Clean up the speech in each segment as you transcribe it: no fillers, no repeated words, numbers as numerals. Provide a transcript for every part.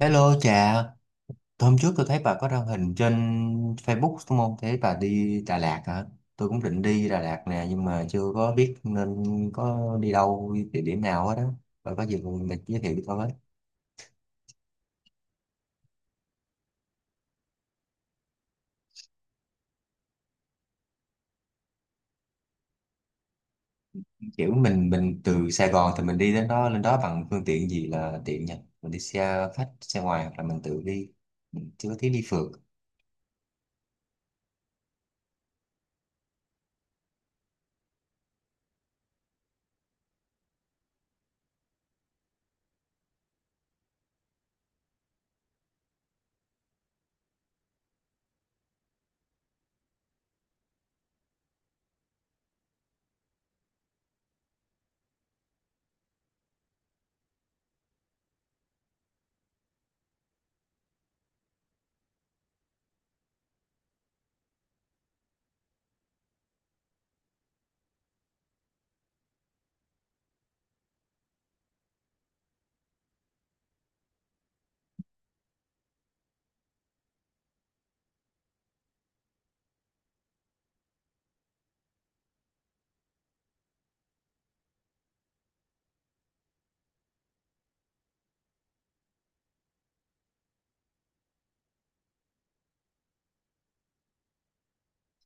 Hello chị, hôm trước tôi thấy bà có đăng hình trên Facebook đúng không? Thấy bà đi Đà Lạt hả? Tôi cũng định đi Đà Lạt nè nhưng mà chưa có biết nên có đi đâu, đi địa điểm nào hết đó. Bà có gì mình giới thiệu cho tôi với. Kiểu mình từ Sài Gòn thì mình đi đến đó lên đó bằng phương tiện gì là tiện nhỉ? Mình đi xe khách, xe ngoài hoặc là mình tự đi. Mình chưa có tiếng đi phượt.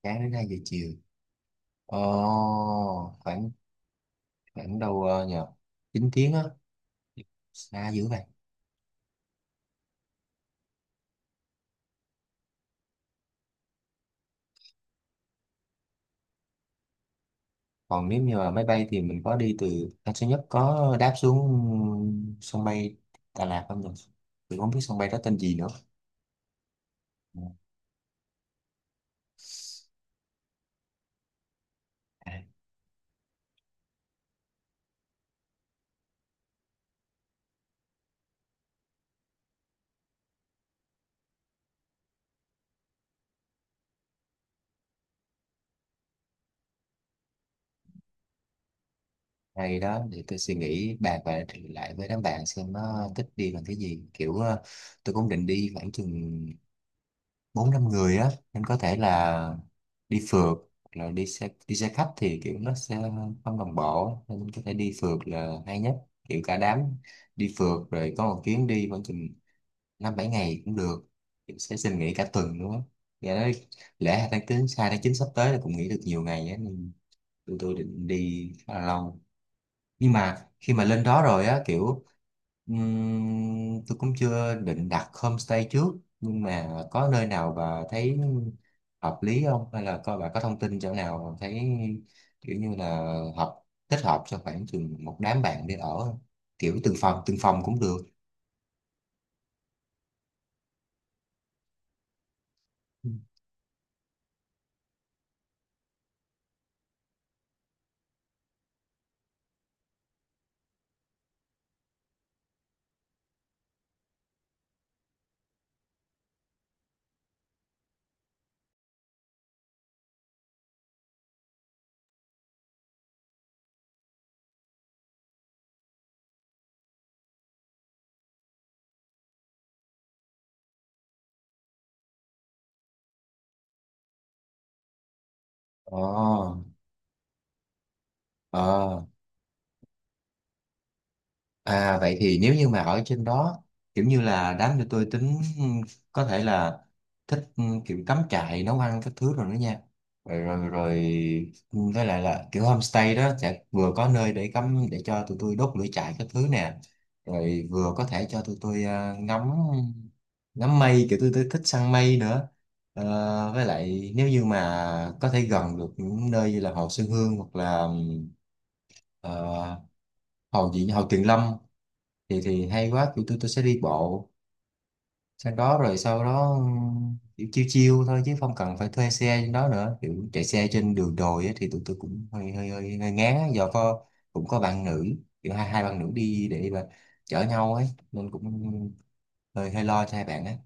Sáng đến 2 giờ chiều. Ồ, khoảng khoảng đâu nhờ 9 tiếng á. Xa dữ vậy. Còn nếu như mà máy bay thì mình có đi từ Tân Sơn Nhất có đáp xuống sân bay Đà Lạt không được, mình không biết sân bay đó tên gì nữa. Ừ. À, hay đó, để tôi suy nghĩ bàn và thì lại với đám bạn xem nó thích đi bằng cái gì, kiểu tôi cũng định đi khoảng chừng bốn năm người á nên có thể là đi phượt hoặc là đi xe khách thì kiểu nó sẽ không đồng bộ, nên có thể đi phượt là hay nhất, kiểu cả đám đi phượt rồi có một chuyến đi khoảng chừng năm bảy ngày cũng được. Em sẽ xin nghỉ cả tuần nữa. Dạ nói lễ hai tháng chín sắp tới là cũng nghỉ được nhiều ngày á, nên tụi tôi định đi khá là lâu, nhưng mà khi mà lên đó rồi á kiểu tôi cũng chưa định đặt homestay trước, nhưng mà có nơi nào bà thấy hợp lý không, hay là coi bà có thông tin chỗ nào mà thấy kiểu như là hợp thích hợp cho khoảng chừng một đám bạn đi ở không? Kiểu từng phòng cũng được. Ồ, ờ. À vậy thì nếu như mà ở trên đó kiểu như là đám cho tôi tính ừ, có thể là thích ừ, kiểu cắm trại nấu ăn các thứ rồi đó nha. Rồi rồi, rồi ừ, với lại là kiểu homestay đó sẽ vừa có nơi để cắm để cho tụi tôi đốt lửa trại các thứ nè, rồi vừa có thể cho tụi tôi ngắm ngắm mây, kiểu tôi thích săn mây nữa. Ờ, với lại nếu như mà có thể gần được những nơi như là hồ Xuân Hương hoặc là ừ, ờ, hồ gì nhỉ? Hồ Tuyền Lâm thì hay quá, tụi tôi sẽ đi bộ sang đó, rồi sau đó kiểu chiêu chiêu thôi chứ không cần phải thuê xe trên đó nữa, kiểu chạy xe trên đường đồi á, thì tụi tôi cũng hơi ngán á, do có cũng có bạn nữ, kiểu hai hai bạn nữ đi để mà chở nhau ấy, nên cũng hơi hơi lo cho hai bạn ấy.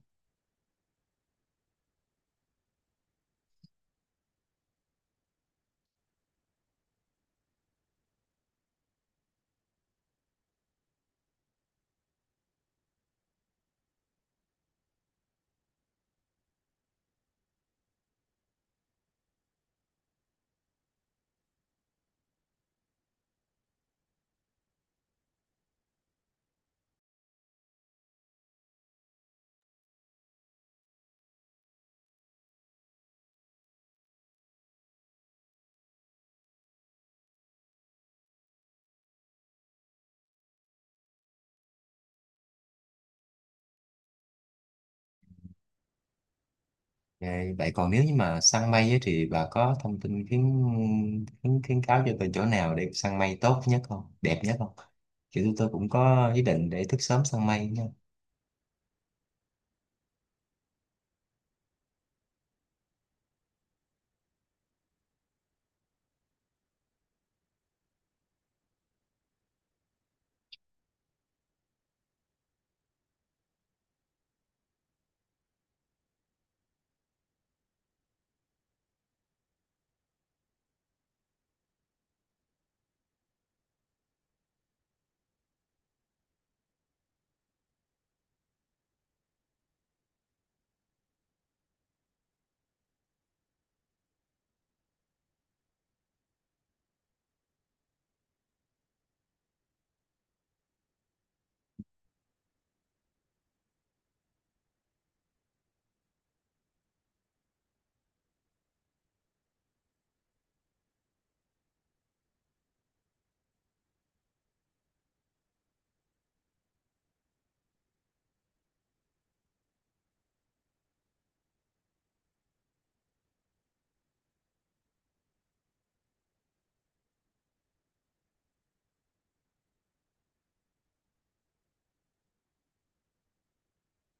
Vậy vậy còn nếu như mà săn mây ấy, thì bà có thông tin khuyến, khuyến khuyến cáo cho tôi chỗ nào để săn mây tốt nhất không, đẹp nhất không? Kiểu tụi tôi cũng có ý định để thức sớm săn mây.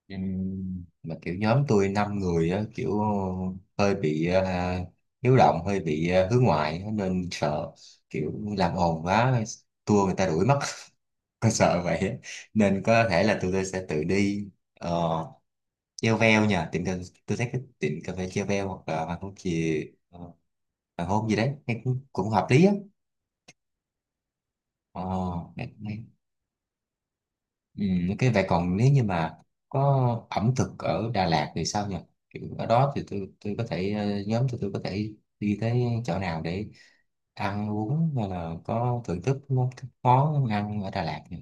Ừ, mà kiểu nhóm tôi năm người á, kiểu hơi bị à, hiếu động, hơi bị à, hướng ngoại á, nên sợ kiểu làm ồn quá, tua người ta đuổi mất. Tôi sợ vậy á. Nên có thể là tụi tôi sẽ tự đi ờ, treo veo nha. Tôi thấy cái tiệm cà phê treo veo hoặc là hoàng hôn chì, ờ, hoàng hôn gì đấy nghe cũng, cũng hợp lý á. Ờ, ừ, cái vậy còn nếu như mà có ẩm thực ở Đà Lạt thì sao nhỉ? Kiểu ở đó thì tôi có thể nhóm tụi tôi có thể đi tới chỗ nào để ăn uống, hay là có thưởng thức món món ăn ở Đà Lạt nhỉ?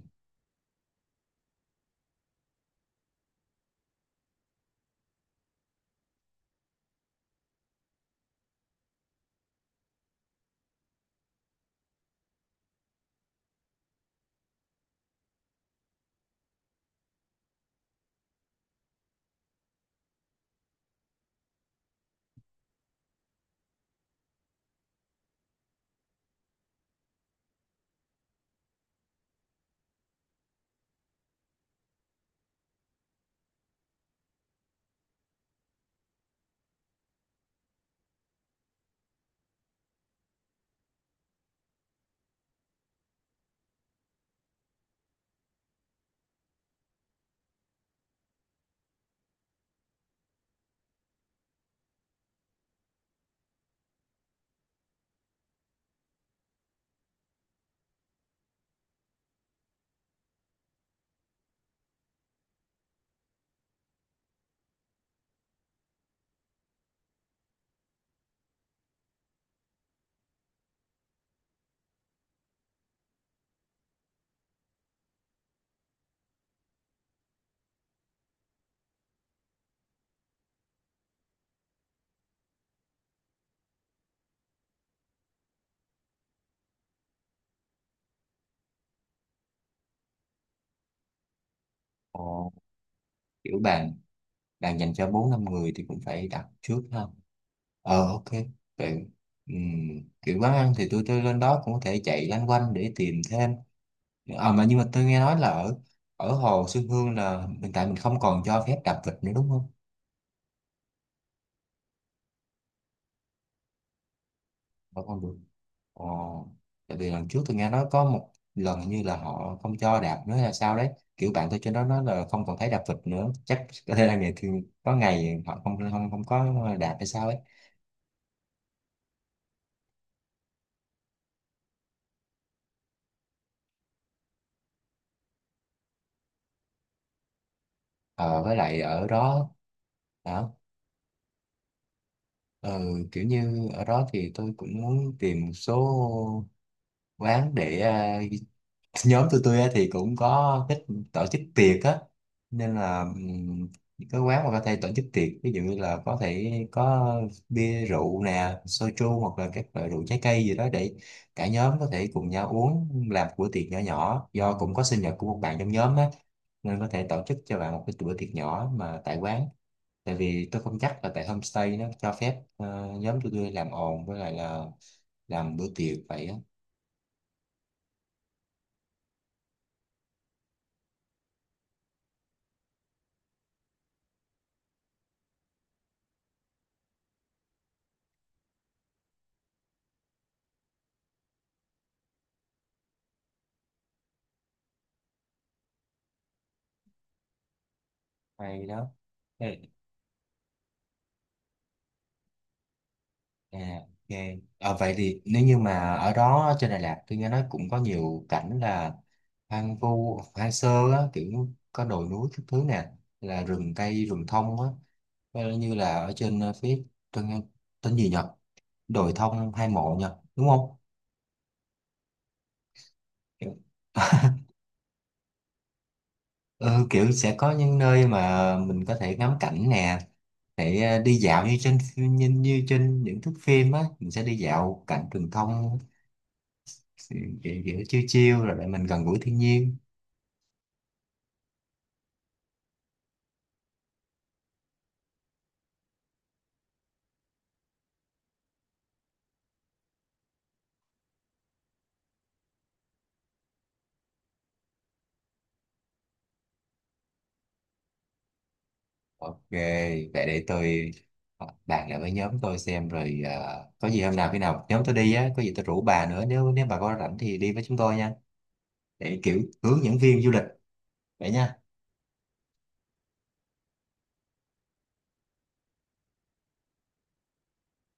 Ồ, kiểu bà đang dành cho bốn năm người thì cũng phải đặt trước ha. Ờ ok. Vậy, ừm, kiểu quán ăn thì tôi lên đó cũng có thể chạy loanh quanh để tìm thêm. Ờ mà nhưng mà tôi nghe nói là ở ở Hồ Xuân Hương là hiện tại mình không còn cho phép đạp vịt nữa, đúng không? Vẫn không được. Ồ, tại vì lần trước tôi nghe nói có một lần hình như là họ không cho đạp nữa là sao đấy. Kiểu bạn tôi trên đó nói là không còn thấy đạp vịt nữa. Chắc có thể là ngày thường có ngày họ không không không có đạp hay sao ấy. Ờ với lại ở đó đó. Ờ, kiểu như ở đó thì tôi cũng muốn tìm một số quán để à, nhóm tụi tôi á thì cũng có thích tổ chức tiệc á, nên là những cái quán mà có thể tổ chức tiệc, ví dụ như là có thể có bia rượu nè, soju hoặc là các loại rượu trái cây gì đó để cả nhóm có thể cùng nhau uống, làm một bữa tiệc nhỏ nhỏ, do cũng có sinh nhật của một bạn trong nhóm á, nên có thể tổ chức cho bạn một cái bữa tiệc nhỏ mà tại quán, tại vì tôi không chắc là tại homestay nó cho phép nhóm tụi tôi làm ồn với lại là làm bữa tiệc vậy á. Hay đó. Ê, à, ok. Ờ, vậy thì nếu như mà ở đó trên Đà Lạt, tôi nghe nói cũng có nhiều cảnh là hoang vu hoang sơ á, kiểu có đồi núi các thứ nè, là rừng cây rừng thông á. Ờ, như là ở trên ờ, phía tôi nghe tên gì nhỉ, đồi thông hai mộ nhỉ, đúng không? Ừ, kiểu sẽ có những nơi mà mình có thể ngắm cảnh nè, để ờ, đi dạo như trên như, như trên những thước phim á, mình sẽ đi dạo cảnh rừng thông, kiểu, kiểu chiêu chiêu rồi để mình gần gũi thiên nhiên. Ok, vậy để tôi bàn lại với nhóm tôi xem, rồi có gì hôm nào khi nào nhóm tôi đi á, có gì tôi rủ bà nữa, nếu nếu bà có rảnh thì đi với chúng tôi nha. Để kiểu hướng dẫn viên du lịch vậy nha.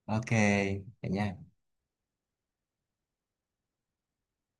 Ok, vậy nha.